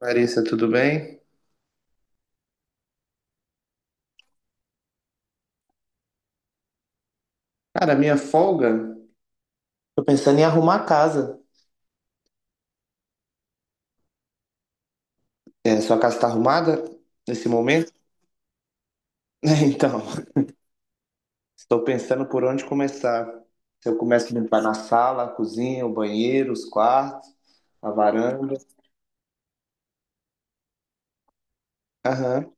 Larissa, tudo bem? Cara, minha folga, tô pensando em arrumar a casa. É, sua casa tá arrumada nesse momento? Então, estou pensando por onde começar. Se eu começo a limpar na sala, a cozinha, o banheiro, os quartos, a varanda. Aham.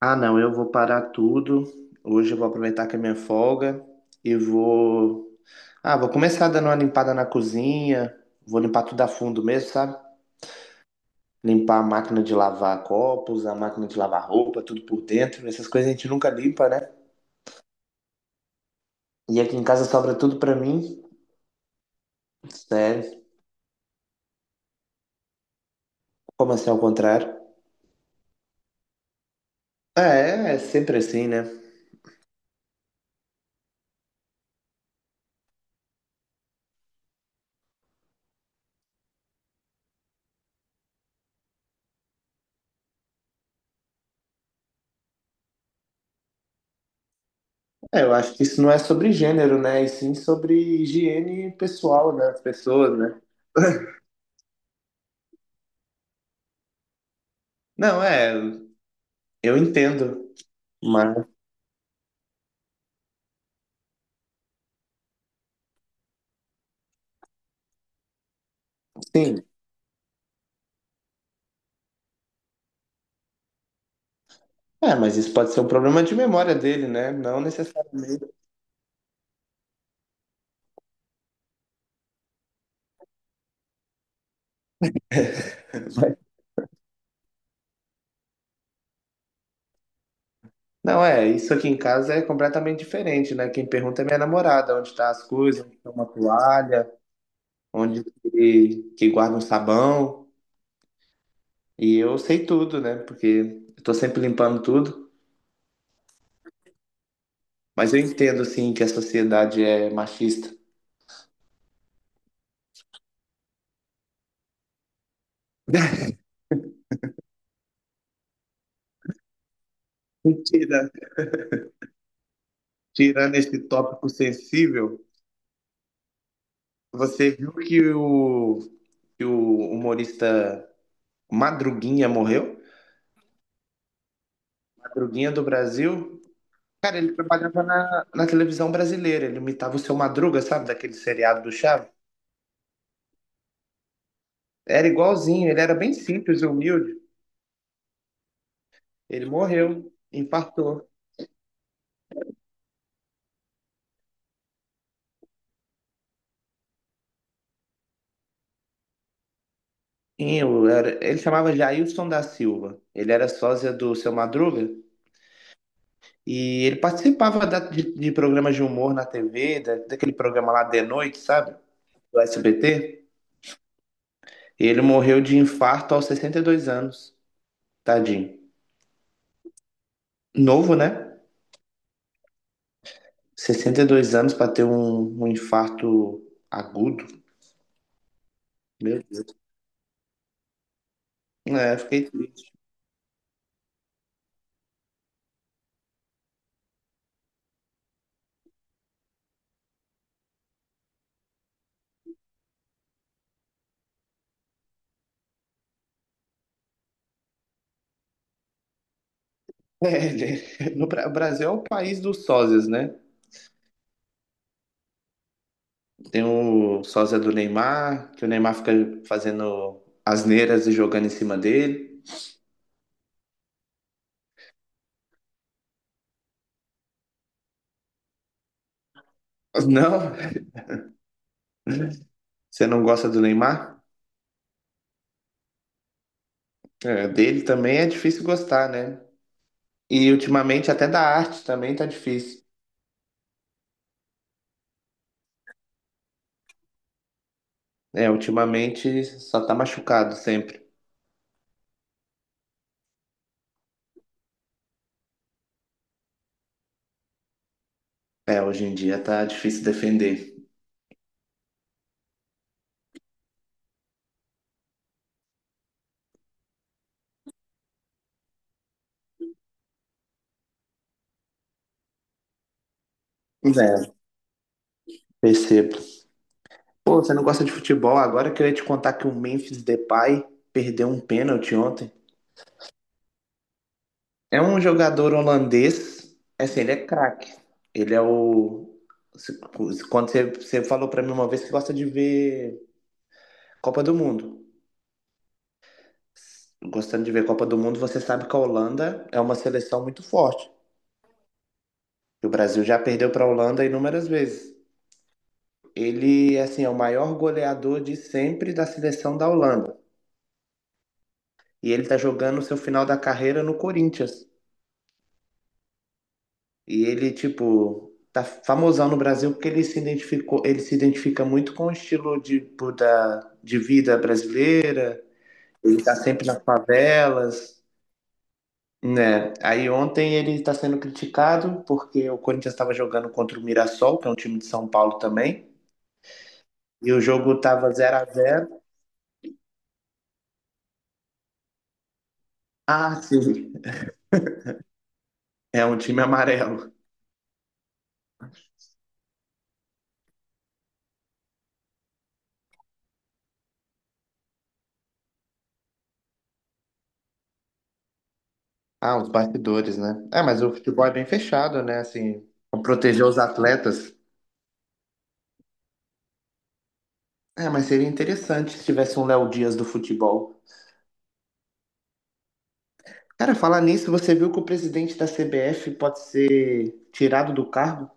Ah, não, eu vou parar tudo. Hoje eu vou aproveitar que é minha folga e vou. Ah, vou começar dando uma limpada na cozinha. Vou limpar tudo a fundo mesmo, sabe? Limpar a máquina de lavar copos, a máquina de lavar roupa, tudo por dentro. Essas coisas a gente nunca limpa, né? E aqui em casa sobra tudo pra mim. Sério. Como assim ao contrário? É, é sempre assim, né? É, eu acho que isso não é sobre gênero, né? E sim sobre higiene pessoal, né? As pessoas, né? Não, é, eu entendo. Mas, sim. É, mas isso pode ser um problema de memória dele, né? Não necessariamente. Não, é, isso aqui em casa é completamente diferente, né? Quem pergunta é minha namorada, onde tá as coisas, onde tá uma toalha, onde que guarda um sabão. E eu sei tudo, né? Porque eu tô sempre limpando tudo. Mas eu entendo, assim, que a sociedade é machista. Mentira. Tirando esse tópico sensível, você viu que o humorista Madruguinha morreu? Madruguinha do Brasil. Cara, ele trabalhava na televisão brasileira, ele imitava o Seu Madruga, sabe, daquele seriado do Chaves? Era igualzinho, ele era bem simples e humilde. Ele morreu, infartou. E ele chamava Jailson da Silva, ele era sósia do Seu Madruga e ele participava de programas de humor na TV, daquele programa lá de noite, sabe, do SBT. E ele morreu de infarto aos 62 anos, tadinho. Novo, né? 62 anos para ter um infarto agudo. Meu Deus. É, fiquei triste. É, no Bra- o Brasil é o país dos sósias, né? Tem o sósia do Neymar, que o Neymar fica fazendo asneiras e jogando em cima dele. Não, você não gosta do Neymar? É, dele também é difícil gostar, né? E ultimamente até da arte também tá difícil. É, ultimamente só tá machucado sempre. É, hoje em dia tá difícil defender. É, percebo. Pô, você não gosta de futebol? Agora eu queria te contar que o Memphis Depay perdeu um pênalti ontem. É um jogador holandês, é assim, ele é craque. Ele é o. se- Quando você falou pra mim uma vez que gosta de ver Copa do Mundo. Gostando de ver Copa do Mundo, você sabe que a Holanda é uma seleção muito forte. E o Brasil já perdeu pra Holanda inúmeras vezes. Ele, assim, é o maior goleador de sempre da seleção da Holanda. E ele tá jogando o seu final da carreira no Corinthians. E ele, tipo, tá famosão no Brasil porque ele se identificou, ele se identifica muito com o estilo de, tipo, de vida brasileira, ele tá sempre nas favelas, né? Aí ontem ele está sendo criticado porque o Corinthians estava jogando contra o Mirassol, que é um time de São Paulo também, e o jogo tava 0 a 0. Ah, sim, é um time amarelo. Ah, os bastidores, né? É, mas o futebol é bem fechado, né? Assim, pra proteger os atletas. É, mas seria interessante se tivesse um Léo Dias do futebol. Cara, falar nisso, você viu que o presidente da CBF pode ser tirado do cargo?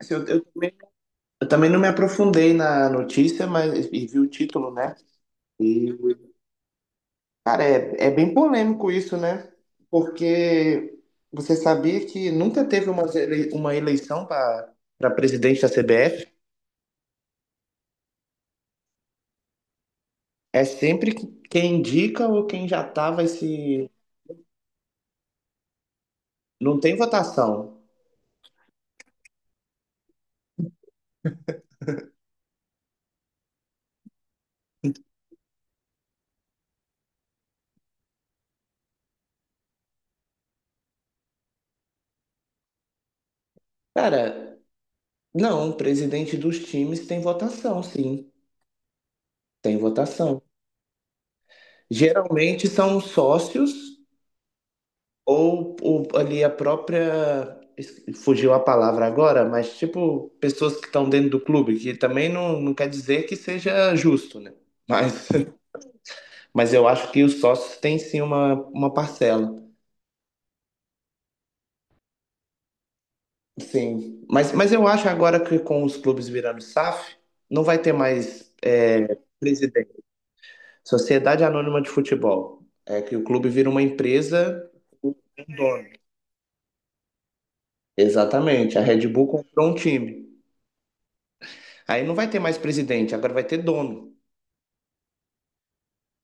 Assim, eu também, eu também não me aprofundei na notícia, mas e vi o título, né? E, cara, é bem polêmico isso, né? Porque você sabia que nunca teve uma eleição para presidente da CBF? É sempre quem indica ou quem já tá vai se. Não tem votação. Cara, não, um presidente dos times tem votação, sim, tem votação. Geralmente são os sócios ou ali a própria. Fugiu a palavra agora, mas tipo, pessoas que estão dentro do clube, que também não quer dizer que seja justo, né? Mas, mas eu acho que os sócios têm sim uma parcela. Sim. Mas eu acho agora que com os clubes virando SAF, não vai ter mais presidente. Sociedade Anônima de Futebol. É que o clube vira uma empresa com um dono. Exatamente. A Red Bull comprou um time. Aí não vai ter mais presidente, agora vai ter dono.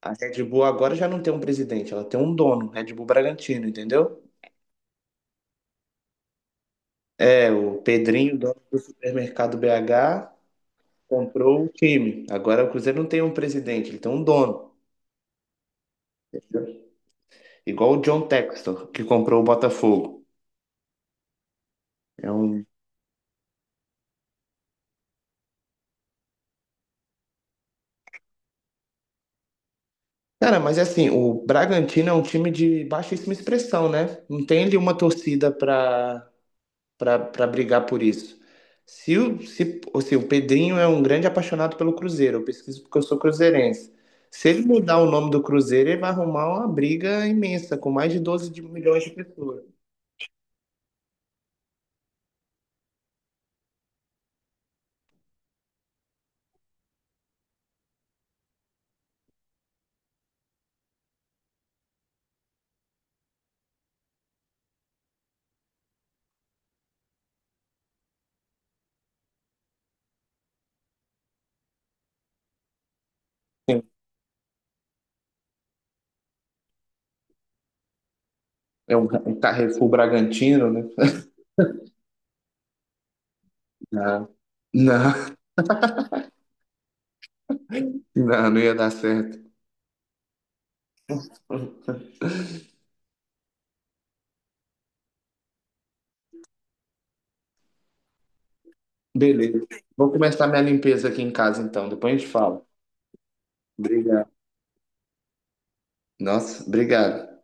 A Red Bull agora já não tem um presidente, ela tem um dono, Red Bull Bragantino, entendeu? É, o Pedrinho, dono do supermercado BH, comprou o time. Agora o Cruzeiro não tem um presidente, ele tem um dono. Igual o John Textor, que comprou o Botafogo. É um Cara, mas é assim, o Bragantino é um time de baixíssima expressão, né? Não tem ali uma torcida pra para brigar por isso. Se o, se, ou seja, o Pedrinho é um grande apaixonado pelo Cruzeiro, eu pesquiso porque eu sou cruzeirense. Se ele mudar o nome do Cruzeiro, ele vai arrumar uma briga imensa, com mais de 12 milhões de pessoas. É um Carrefour Bragantino, né? Não, não, não, não ia dar certo. Beleza. Vou começar minha limpeza aqui em casa, então. Depois a gente fala. Obrigado. Nossa, obrigado.